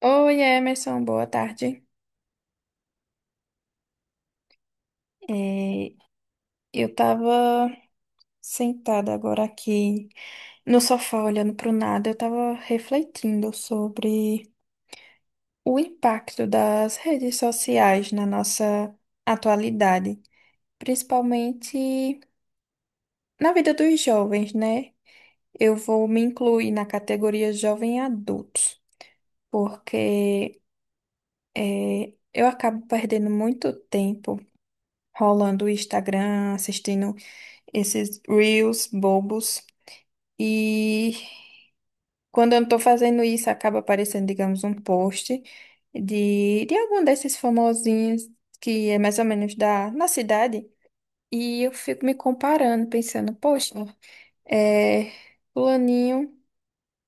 Oi, Emerson, boa tarde. É, eu tava sentada agora aqui no sofá olhando pro nada, eu tava refletindo sobre o impacto das redes sociais na nossa atualidade, principalmente na vida dos jovens, né? Eu vou me incluir na categoria jovem adultos, porque eu acabo perdendo muito tempo rolando o Instagram, assistindo esses reels bobos. E quando eu não tô fazendo isso, acaba aparecendo, digamos, um post de algum desses famosinhos que é mais ou menos da, na cidade. E eu fico me comparando, pensando, poxa, é, fulaninho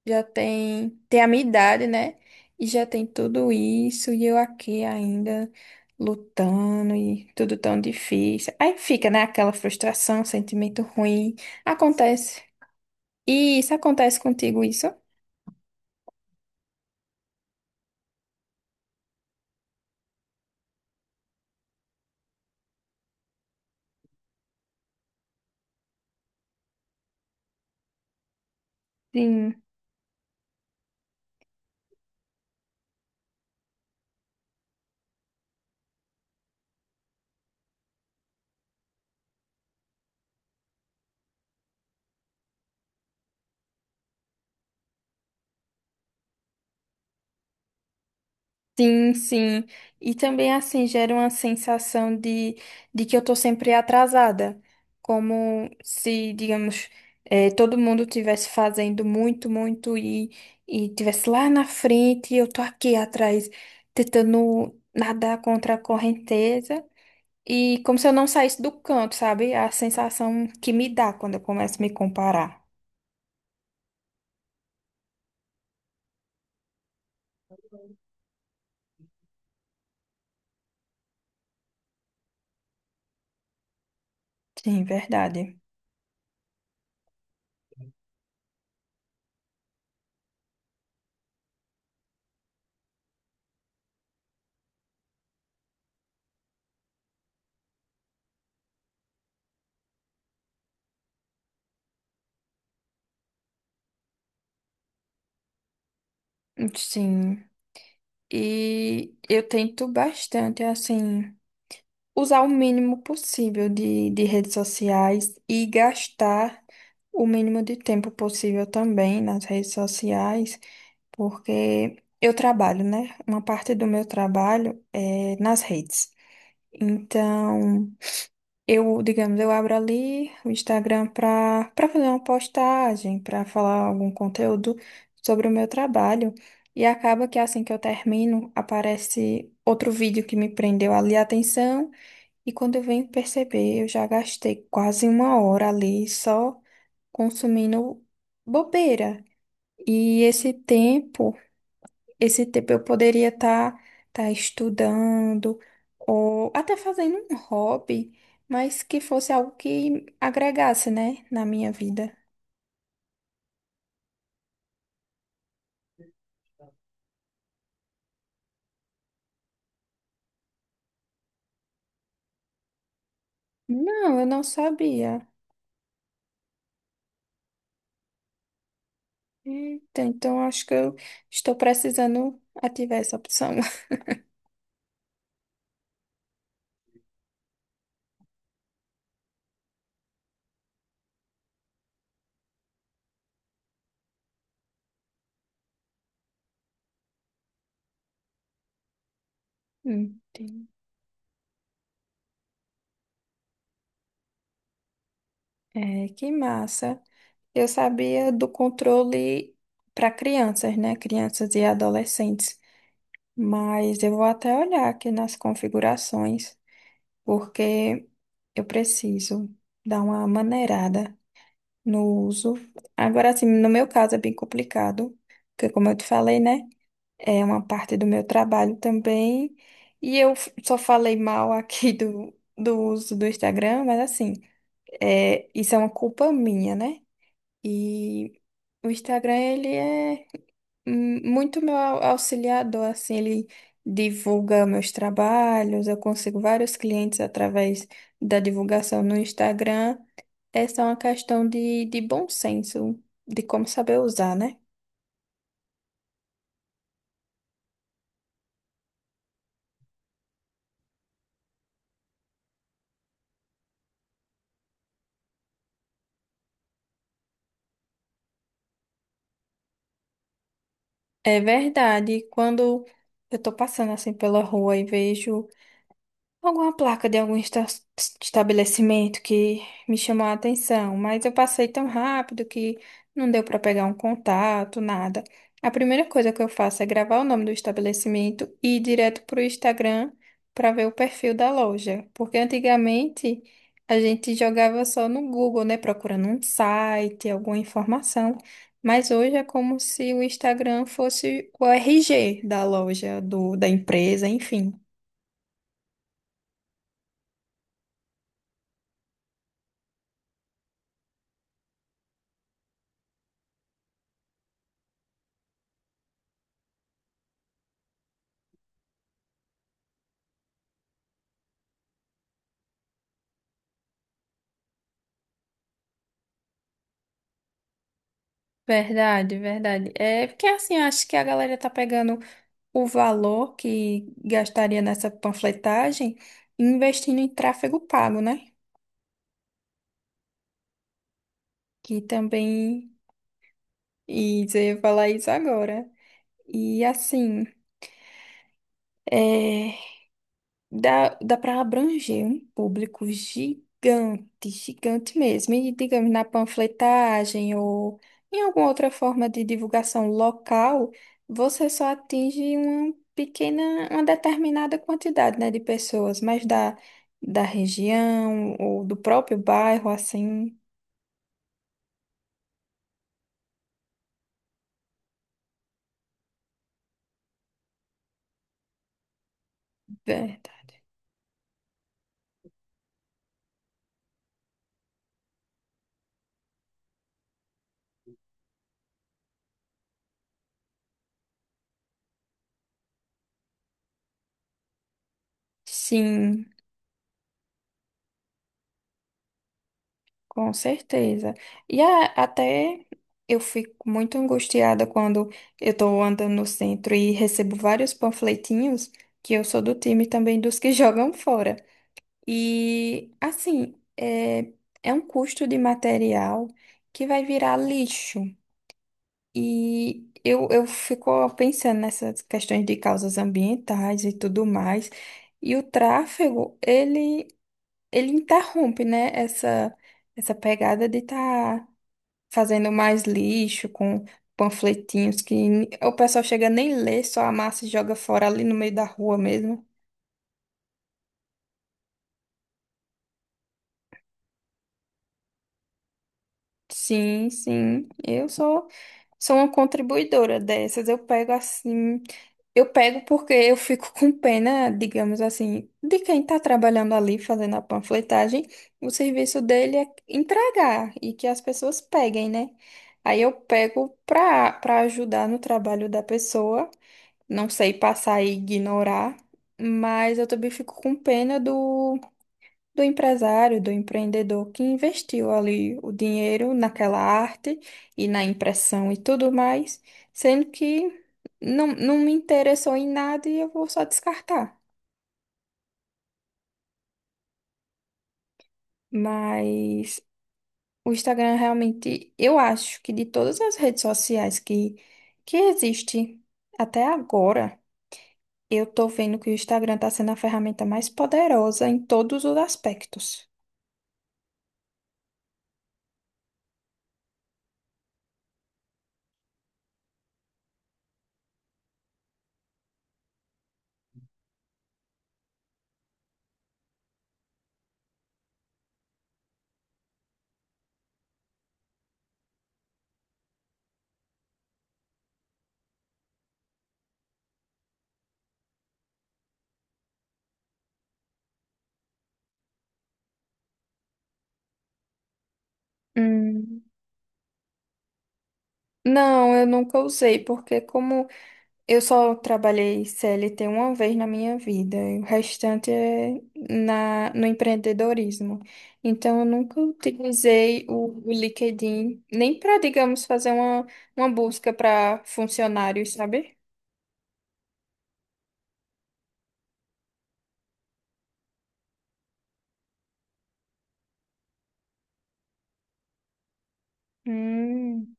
tem a minha idade, né? E já tem tudo isso, e eu aqui ainda lutando, e tudo tão difícil. Aí fica, né, aquela frustração, sentimento ruim. Acontece. E isso acontece contigo, isso? Sim. Sim, sim. E também, assim, gera uma sensação de que eu tô sempre atrasada. Como se, digamos, todo mundo tivesse fazendo muito, e tivesse lá na frente e eu tô aqui atrás, tentando nadar contra a correnteza. E como se eu não saísse do canto, sabe? A sensação que me dá quando eu começo a me comparar. Sim, verdade. Sim. E eu tento bastante, assim, usar o mínimo possível de redes sociais e gastar o mínimo de tempo possível também nas redes sociais, porque eu trabalho, né? Uma parte do meu trabalho é nas redes. Então. Eu, digamos, eu abro ali o Instagram para fazer uma postagem, para falar algum conteúdo sobre o meu trabalho. E acaba que assim que eu termino, aparece outro vídeo que me prendeu ali a atenção. E quando eu venho perceber, eu já gastei quase uma hora ali só consumindo bobeira. E esse tempo. Esse tempo eu poderia estar tá estudando ou até fazendo um hobby, mas que fosse algo que agregasse, né, na minha vida. Não, eu não sabia. Eita, então acho que eu estou precisando ativar essa opção. Entendi. É, que massa. Eu sabia do controle para crianças, né? Crianças e adolescentes. Mas eu vou até olhar aqui nas configurações, porque eu preciso dar uma maneirada no uso. Agora, assim, no meu caso é bem complicado, porque como eu te falei, né? É uma parte do meu trabalho também. E eu só falei mal aqui do uso do Instagram, mas assim, é, isso é uma culpa minha, né? E o Instagram, ele é muito meu auxiliador, assim, ele divulga meus trabalhos, eu consigo vários clientes através da divulgação no Instagram. Essa é uma questão de bom senso, de como saber usar, né? É verdade, quando eu tô passando assim pela rua e vejo alguma placa de algum estabelecimento que me chamou a atenção, mas eu passei tão rápido que não deu para pegar um contato, nada. A primeira coisa que eu faço é gravar o nome do estabelecimento e ir direto para o Instagram para ver o perfil da loja, porque antigamente a gente jogava só no Google, né, procurando um site, alguma informação. Mas hoje é como se o Instagram fosse o RG da loja, do, da empresa, enfim. Verdade, verdade. É porque assim, eu acho que a galera tá pegando o valor que gastaria nessa panfletagem e investindo em tráfego pago, né? Que também e você ia falar isso agora. E assim, é, Dá para abranger um público gigante, gigante mesmo. E, digamos, na panfletagem ou em alguma outra forma de divulgação local, você só atinge uma pequena, uma determinada quantidade, né, de pessoas, mas da região ou do próprio bairro, assim, verdade. Sim. Com certeza. E até eu fico muito angustiada quando eu estou andando no centro e recebo vários panfletinhos, que eu sou do time também dos que jogam fora. E assim, é, é um custo de material que vai virar lixo. E eu fico pensando nessas questões de causas ambientais e tudo mais. E o tráfego, ele interrompe, né, essa pegada de estar fazendo mais lixo com panfletinhos que o pessoal chega nem ler, só amassa e joga fora ali no meio da rua mesmo. Sim, sim, eu sou sou uma contribuidora dessas. Eu pego assim, eu pego porque eu fico com pena, digamos assim, de quem está trabalhando ali fazendo a panfletagem, o serviço dele é entregar e que as pessoas peguem, né? Aí eu pego para ajudar no trabalho da pessoa. Não sei passar e ignorar, mas eu também fico com pena do, do empresário, do empreendedor que investiu ali o dinheiro naquela arte e na impressão e tudo mais, sendo que não me interessou em nada e eu vou só descartar. Mas o Instagram realmente, eu acho que de todas as redes sociais que existe até agora, eu tô vendo que o Instagram está sendo a ferramenta mais poderosa em todos os aspectos. Hum. Não, eu nunca usei, porque como eu só trabalhei CLT uma vez na minha vida, e o restante é no empreendedorismo. Então, eu nunca utilizei o LinkedIn nem para, digamos, fazer uma busca para funcionários, sabe? Hum.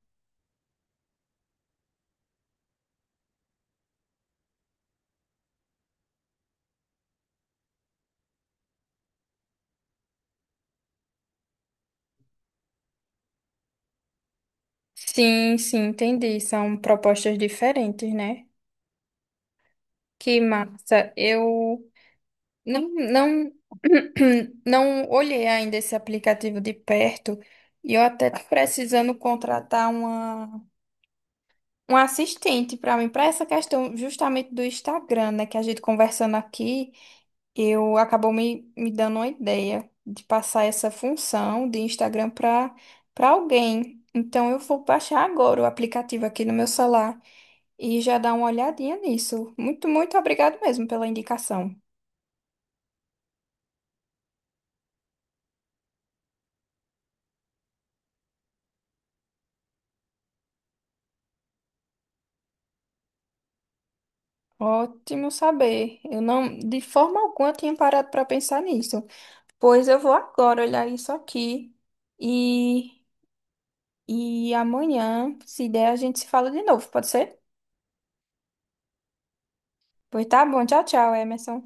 Sim, sim, entendi. São propostas diferentes, né? Que massa. Eu não, não, não olhei ainda esse aplicativo de perto e eu até tô precisando contratar uma. Um assistente para mim, para essa questão justamente do Instagram, né? Que a gente conversando aqui, eu acabou me dando uma ideia de passar essa função de Instagram para alguém. Então eu vou baixar agora o aplicativo aqui no meu celular e já dar uma olhadinha nisso. Muito, muito obrigado mesmo pela indicação. Ótimo saber. Eu não, de forma alguma, tinha parado para pensar nisso. Pois eu vou agora olhar isso aqui e E amanhã, se der, a gente se fala de novo, pode ser? Pois tá bom, tchau, tchau, Emerson.